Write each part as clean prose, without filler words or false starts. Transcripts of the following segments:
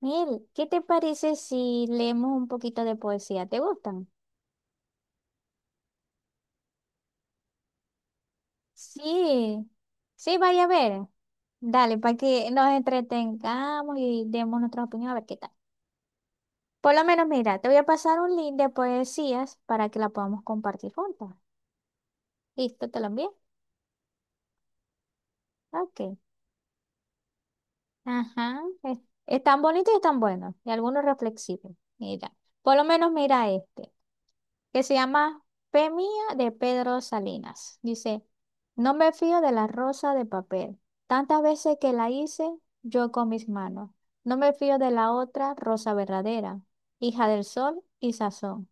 Mel, ¿qué te parece si leemos un poquito de poesía? ¿Te gustan? Sí, sí, vaya a ver. Dale, para que nos entretengamos y demos nuestra opinión a ver qué tal. Por lo menos, mira, te voy a pasar un link de poesías para que la podamos compartir juntas. ¿Listo? ¿Te lo envié? Ok. Ajá. Es tan bonito y es tan bueno. Y algunos reflexivos. Mira, por lo menos mira este, que se llama Fe Mía, de Pedro Salinas. Dice, no me fío de la rosa de papel, tantas veces que la hice yo con mis manos. No me fío de la otra rosa verdadera, hija del sol y sazón,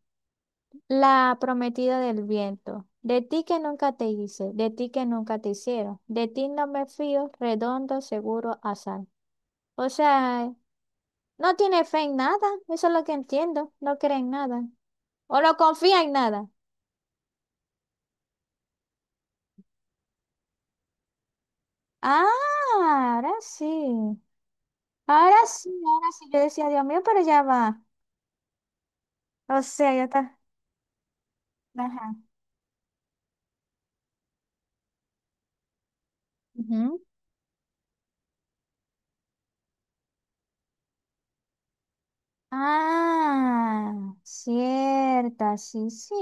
la prometida del viento. De ti que nunca te hice, de ti que nunca te hicieron, de ti no me fío, redondo, seguro, azar. O sea, no tiene fe en nada, eso es lo que entiendo, no cree en nada, o no confía en nada. Ah, ahora sí. Ahora sí, ahora sí. Yo decía, Dios mío, pero ya va. O sea, ya está. Ajá. Ujú. Ah, cierta, sí, sí.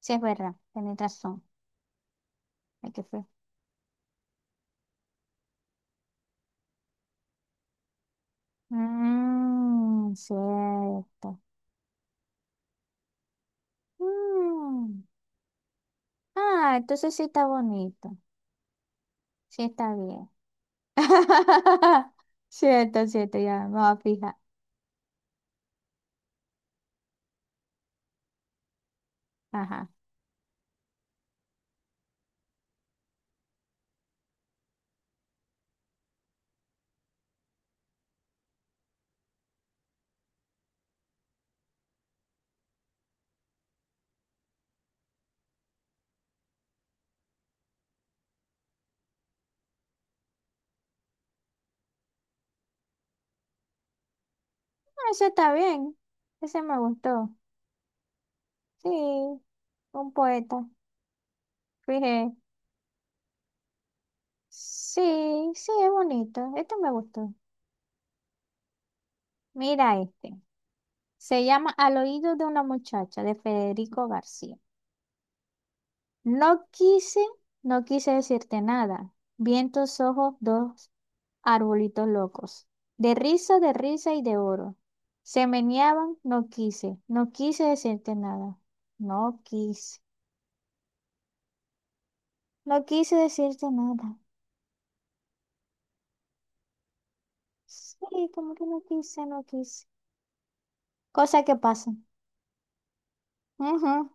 Sí, es verdad, tenés razón. Hay que fue. Mmm, cierto. Mm. Ah, entonces sí está bonito. Sí está bien. Cierto, cierto, ya me voy a fijar. Ajá. Ah, eso está bien. Ese me gustó. Sí. Un poeta. Dije, sí, sí, es bonito. Este me gustó. Mira este. Se llama Al Oído de una Muchacha, de Federico García. No quise, no quise decirte nada. Vi en tus ojos dos arbolitos locos, de risa y de oro. Se meneaban, no quise, no quise decirte nada. No quise, no quise decirte nada. Sí, como que no quise, no quise. Cosa que pasa. Ujú.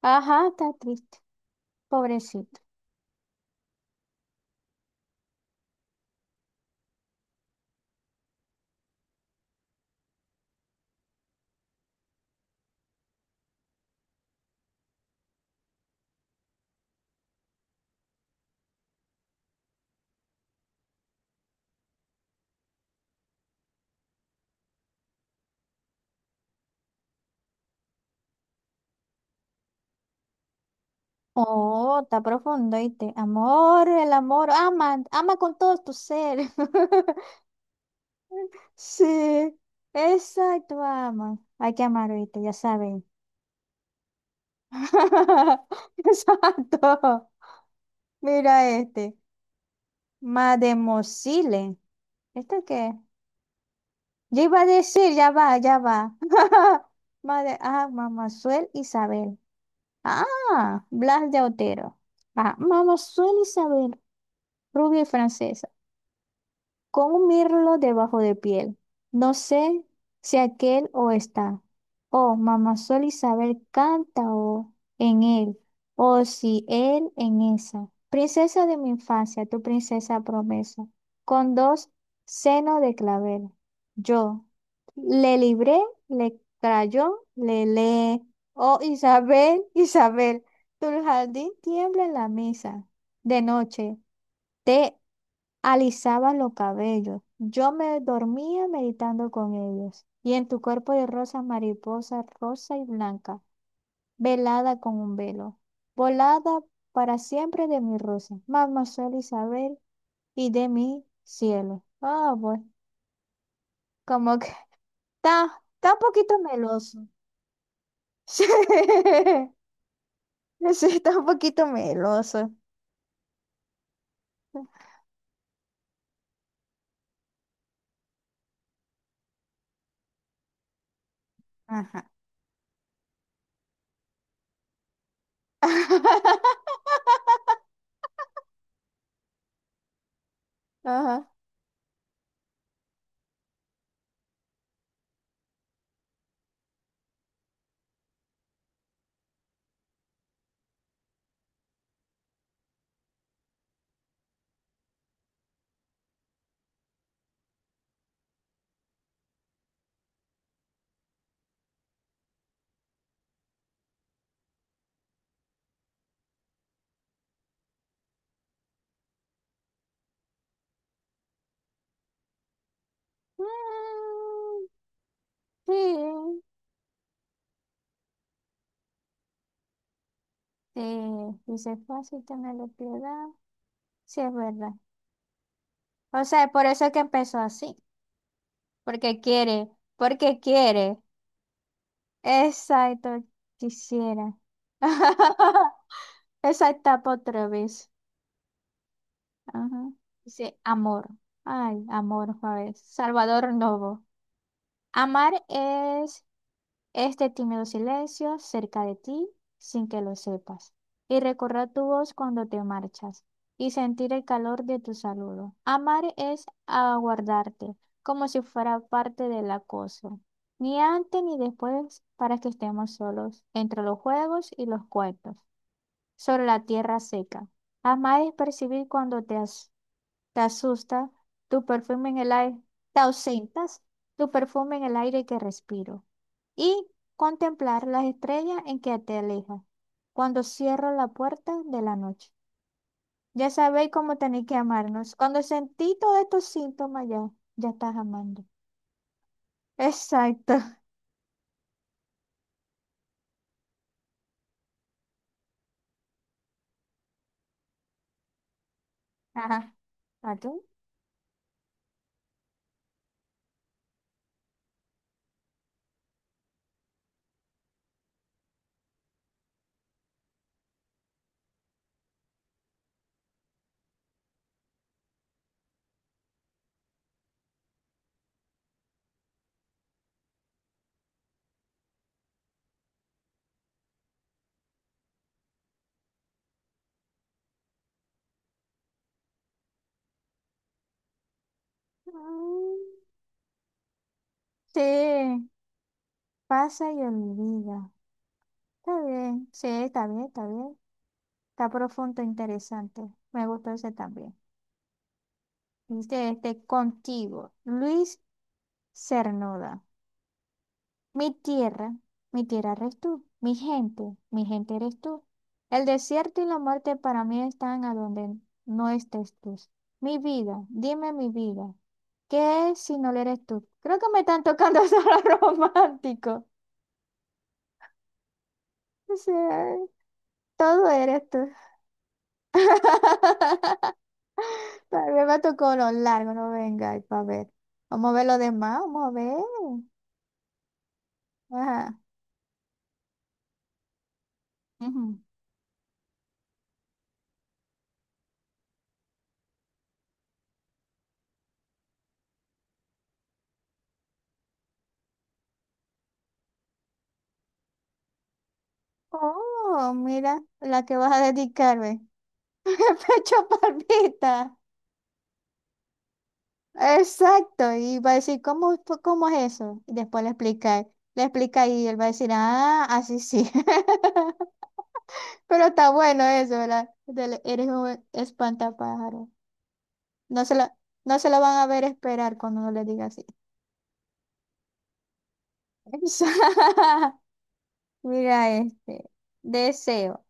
Ajá, está triste, pobrecito. Oh, está profundo, ¿oíste? Amor, el amor, ama, ama con todo tu ser. Sí, exacto, ama. Hay que amar, ¿oíste? Ya saben. Exacto. Mira este. Mademosile. ¿Esto qué? Yo iba a decir, ya va, ya va. Madre, ah, Mamazuel Isabel. Ah, Blas de Otero. Ah, Mamazuel Isabel, rubia y francesa, con un mirlo debajo de piel. No sé si aquel o está. Oh, mamá Sol Isabel canta o en él, o si él en esa. Princesa de mi infancia, tu princesa promesa, con dos senos de clavel. Yo le libré, le crayó, le le. Oh, Isabel, Isabel, tu jardín tiembla en la mesa de noche. Te alisaba los cabellos. Yo me dormía meditando con ellos. Y en tu cuerpo de rosa, mariposa rosa y blanca, velada con un velo, volada para siempre de mi rosa, Mademoiselle Isabel y de mi cielo. Ah, bueno, como que está un poquito meloso. Sí, sí, está un poquito meloso. Ajá. Ajá. Mm, sí. Sí, dice, fácil tenerle piedad. Sí, es verdad. O sea, por eso es que empezó así. Porque quiere, porque quiere. Exacto, quisiera. Exacta otra vez. Ajá. Dice, amor. Ay, amor, a ver. Salvador Novo. Amar es este tímido silencio cerca de ti sin que lo sepas. Y recorrer tu voz cuando te marchas y sentir el calor de tu saludo. Amar es aguardarte como si fuera parte del acoso. Ni antes ni después para que estemos solos entre los juegos y los cuentos. Sobre la tierra seca. Amar es percibir cuando te asusta tu perfume en el aire. Te ausentas, tu perfume en el aire que respiro, y contemplar las estrellas en que te alejas, cuando cierro la puerta de la noche. Ya sabéis cómo tenéis que amarnos. Cuando sentí todos estos síntomas, ya, ya estás amando. Exacto. Ajá. ¿A tú? Mm. Sí, pasa y olvida. Está bien, sí, está bien, está bien. Está profundo, interesante. Me gustó ese también. Dice este, Contigo, Luis Cernuda. Mi tierra, mi tierra eres tú, mi gente eres tú. El desierto y la muerte para mí están a donde no estés tú. Mi vida, dime mi vida, ¿qué es si no lo eres tú? Creo que me están tocando solo romántico. O sea, todo eres tú. También me tocó lo largo, no venga, ahí para ver. Vamos a ver lo demás, vamos a ver. Ajá. Ujú. Oh, mira la que vas a dedicarme. Pecho palpita. Exacto. Y va a decir, ¿cómo es eso? Y después le explica. Le explica y él va a decir, ah, así sí. Pero está bueno eso, ¿verdad? Eres un espantapájaro. No se lo, no se lo van a ver esperar cuando uno le diga así. Mira este. Deseo.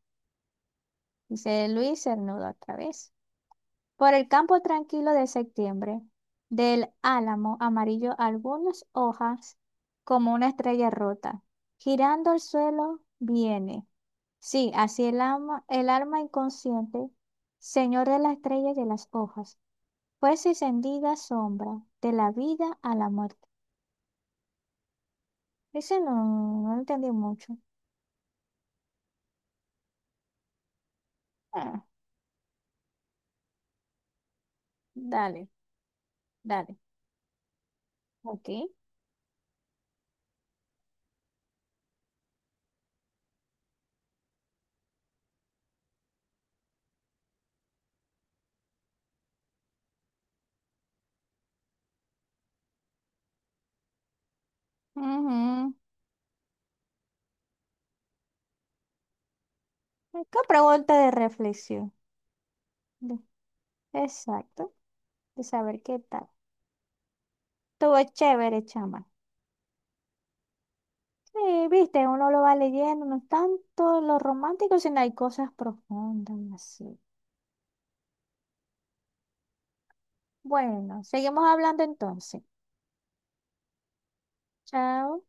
Dice Luis Cernuda otra vez. Por el campo tranquilo de septiembre, del álamo amarillo algunas hojas como una estrella rota, girando al suelo viene. Sí, así el alma inconsciente, señor de la estrella y de las hojas, pues encendida sombra de la vida a la muerte. Ese no, no lo entendí mucho. Ah, dale, dale. Ok. Ujú. Qué pregunta de reflexión. De- Exacto. De saber qué tal. Estuvo chévere, chama. Sí, viste, uno lo va leyendo, no es tanto lo romántico, sino hay cosas profundas y así. Bueno, seguimos hablando entonces. Chao.